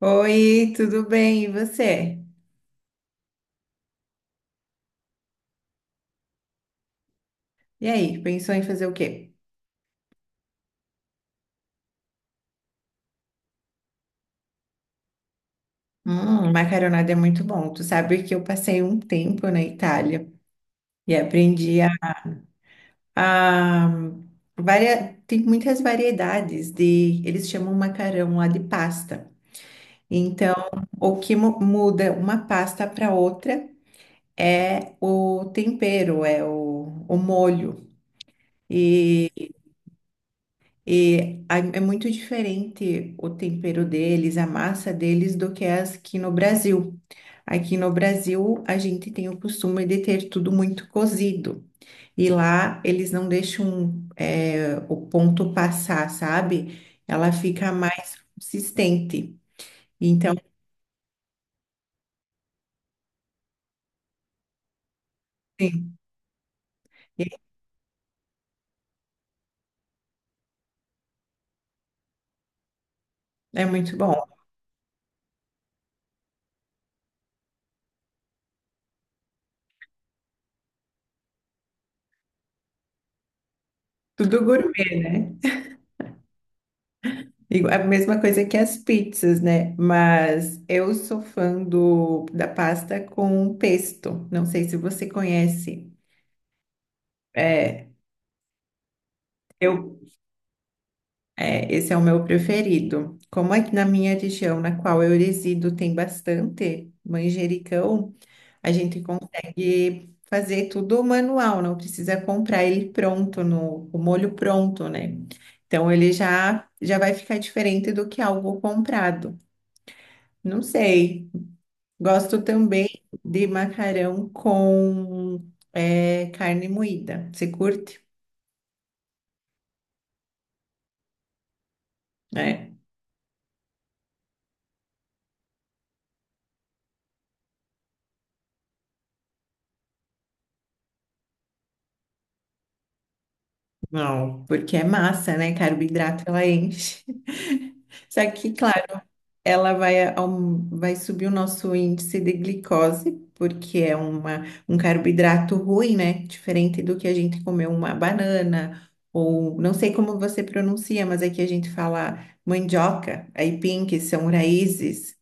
Oi, tudo bem? E você? E aí, pensou em fazer o quê? Macarronada é muito bom. Tu sabe que eu passei um tempo na Itália e aprendi a, a tem muitas variedades de, eles chamam macarrão lá de pasta. Então, o que muda uma pasta para outra é o tempero, é o molho. É muito diferente o tempero deles, a massa deles, do que as aqui no Brasil. Aqui no Brasil, a gente tem o costume de ter tudo muito cozido. E lá, eles não deixam, o ponto passar, sabe? Ela fica mais consistente. Então, sim, é muito bom. Tudo gourmet, né? Digo, a mesma coisa que as pizzas, né? Mas eu sou fã do, da pasta com pesto. Não sei se você conhece. É, eu, é, esse é o meu preferido. Como aqui na minha região, na qual eu resido, tem bastante manjericão, a gente consegue fazer tudo manual, não precisa comprar ele pronto, no, o molho pronto, né? Então ele já, já vai ficar diferente do que algo comprado. Não sei. Gosto também de macarrão com carne moída. Você curte? É. Não, porque é massa, né? Carboidrato ela enche. Só que, claro, ela vai, vai subir o nosso índice de glicose, porque é uma, um carboidrato ruim, né? Diferente do que a gente comer uma banana, ou não sei como você pronuncia, mas aqui a gente fala mandioca, aipim, que são raízes.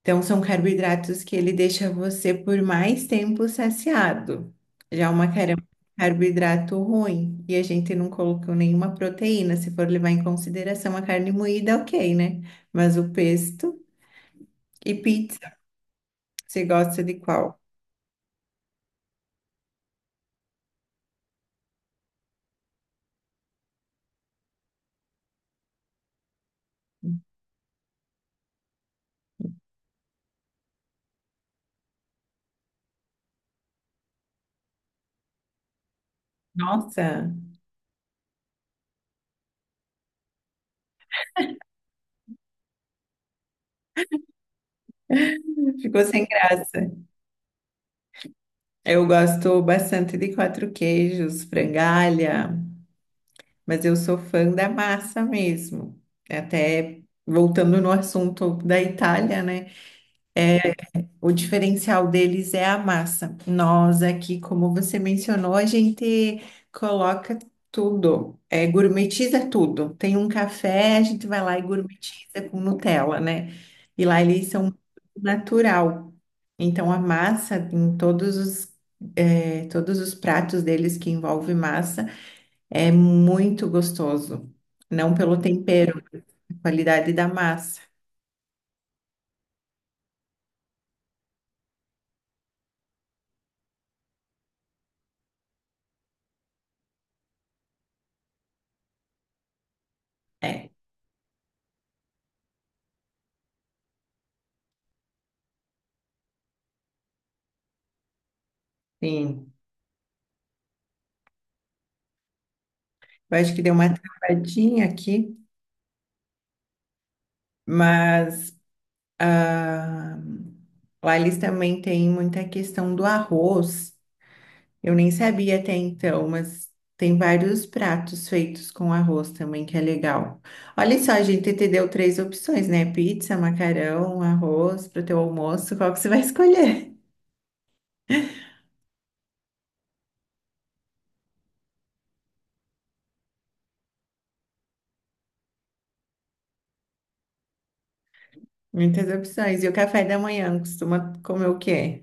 Então, são carboidratos que ele deixa você por mais tempo saciado. Já o macarrão é um carboidrato ruim. E a gente não colocou nenhuma proteína. Se for levar em consideração a carne moída, ok, né? Mas o pesto e pizza, você gosta de qual? Nossa, ficou sem graça. Eu gosto bastante de quatro queijos, frangalha, mas eu sou fã da massa mesmo. Até voltando no assunto da Itália, né? O diferencial deles é a massa. Nós aqui, como você mencionou, a gente coloca tudo, gourmetiza tudo. Tem um café, a gente vai lá e gourmetiza com Nutella, né? E lá eles são natural. Então a massa em todos os todos os pratos deles que envolve massa é muito gostoso. Não pelo tempero, a qualidade da massa. É, sim. Eu acho que deu uma travadinha aqui. Mas ah, lá eles também têm muita questão do arroz. Eu nem sabia até então, mas tem vários pratos feitos com arroz também, que é legal. Olha só, a gente te deu três opções, né? Pizza, macarrão, arroz para o teu almoço. Qual que você vai escolher? Muitas opções. E o café da manhã costuma comer o quê?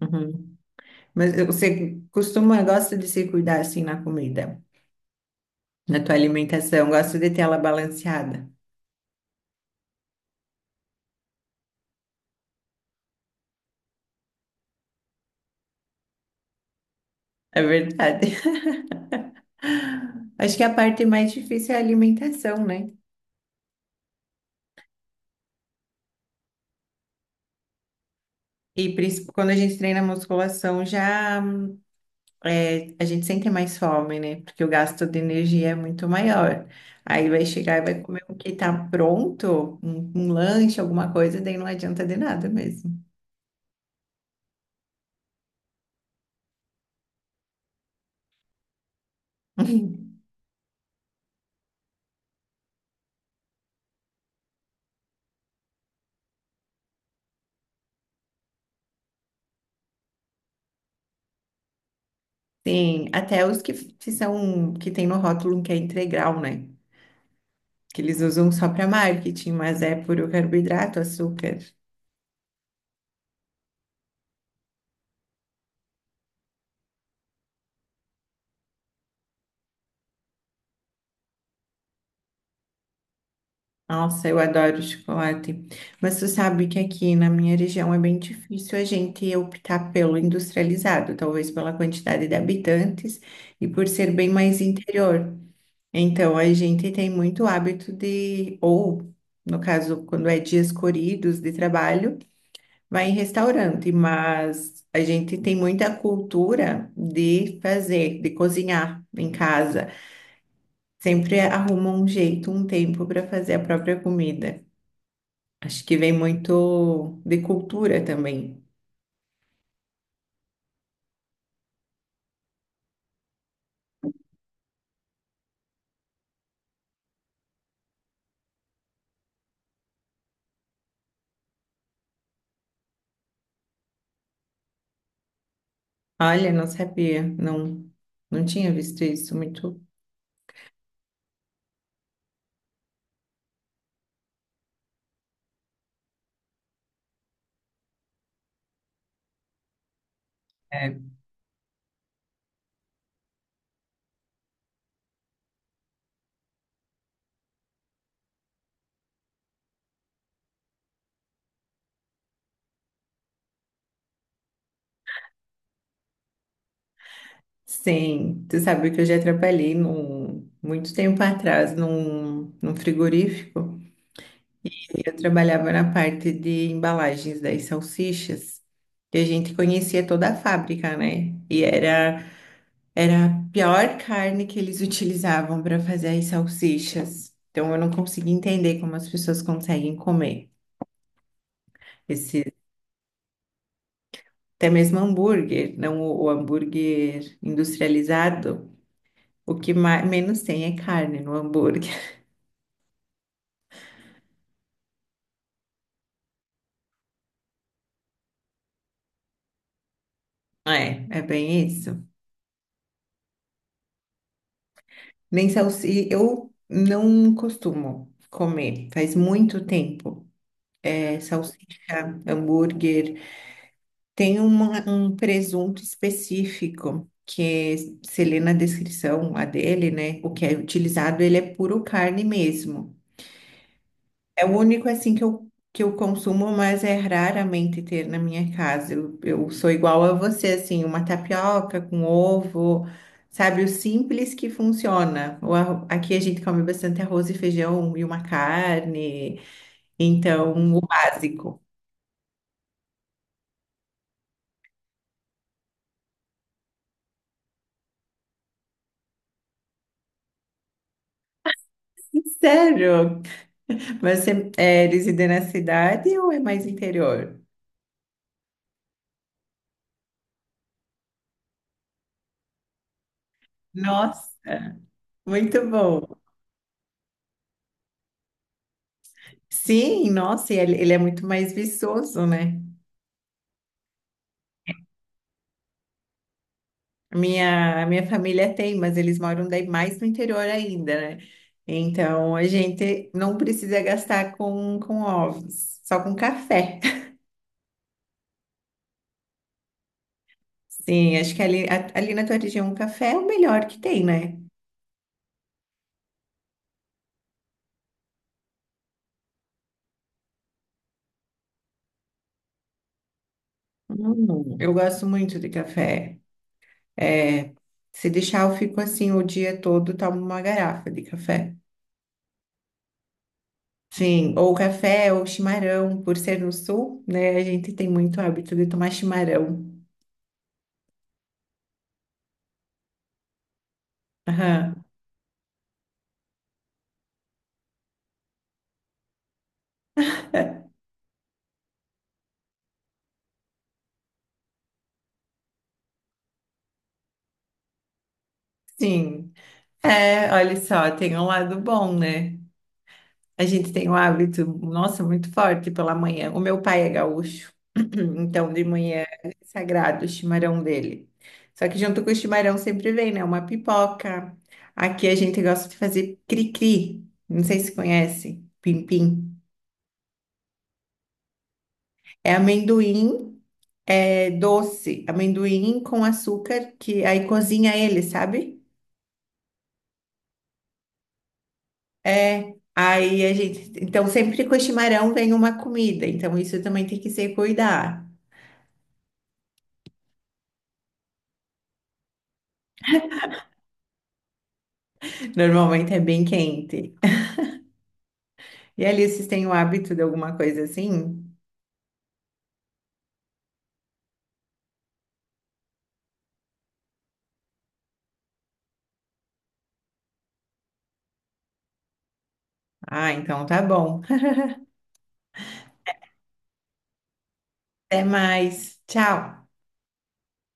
Uhum. Mas você costuma, gosta de se cuidar assim na comida, na tua alimentação, gosta de ter ela balanceada. É verdade. Acho que a parte mais difícil é a alimentação, né? Quando a gente treina musculação, já a gente sente mais fome, né? Porque o gasto de energia é muito maior. Aí vai chegar e vai comer o que tá pronto, um lanche, alguma coisa, daí não adianta de nada mesmo. Sim, até os que são que tem no rótulo que é integral, né? Que eles usam só para marketing, mas é puro carboidrato, açúcar. Nossa, eu adoro chocolate. Mas tu sabe que aqui na minha região é bem difícil a gente optar pelo industrializado, talvez pela quantidade de habitantes e por ser bem mais interior. Então, a gente tem muito hábito de, ou no caso, quando é dias corridos de trabalho, vai em restaurante, mas a gente tem muita cultura de fazer, de cozinhar em casa. Sempre arruma um jeito, um tempo para fazer a própria comida. Acho que vem muito de cultura também. Olha, não sabia, não, não tinha visto isso muito. É. Sim, tu sabe que eu já trabalhei num, muito tempo atrás num, num frigorífico. E eu trabalhava na parte de embalagens das salsichas. E a gente conhecia toda a fábrica, né? E era, era a pior carne que eles utilizavam para fazer as salsichas. Então eu não conseguia entender como as pessoas conseguem comer esse, até mesmo hambúrguer, não o, o hambúrguer industrializado, o que mais, menos tem é carne no hambúrguer. É, é bem isso. Nem salsicha, eu não costumo comer, faz muito tempo. É, salsicha, hambúrguer, tem um presunto específico. Que é, se lê na descrição a dele, né? O que é utilizado, ele é puro carne mesmo. É o único assim que eu consumo, mas é raramente ter na minha casa. Eu sou igual a você, assim, uma tapioca com ovo, sabe? O simples que funciona. Aqui a gente come bastante arroz e feijão e uma carne, então o básico. Sério? Mas você é, reside na cidade ou é mais interior? Nossa, muito bom. Sim, nossa, e ele é muito mais viçoso, né? A minha família tem, mas eles moram daí mais no interior ainda, né? Então a gente não precisa gastar com ovos, só com café. Sim, acho que ali, ali na tua região o café é o melhor que tem, né? Eu gosto muito de café. É, se deixar, eu fico assim o dia todo, tomo uma garrafa de café. Sim, ou café ou chimarrão, por ser no sul, né? A gente tem muito hábito de tomar chimarrão. Aham. Sim. É, olha só, tem um lado bom, né? A gente tem um hábito, nossa, muito forte pela manhã. O meu pai é gaúcho, então de manhã é sagrado o chimarrão dele. Só que junto com o chimarrão sempre vem, né? Uma pipoca. Aqui a gente gosta de fazer cri-cri, não sei se conhece, pim-pim. É amendoim, é doce, amendoim com açúcar, que aí cozinha ele, sabe? É, aí a gente. Então, sempre com o chimarrão vem uma comida, então isso também tem que se cuidar. Normalmente é bem quente. E ali, vocês têm o hábito de alguma coisa assim? Ah, então tá bom. Até mais. Tchau.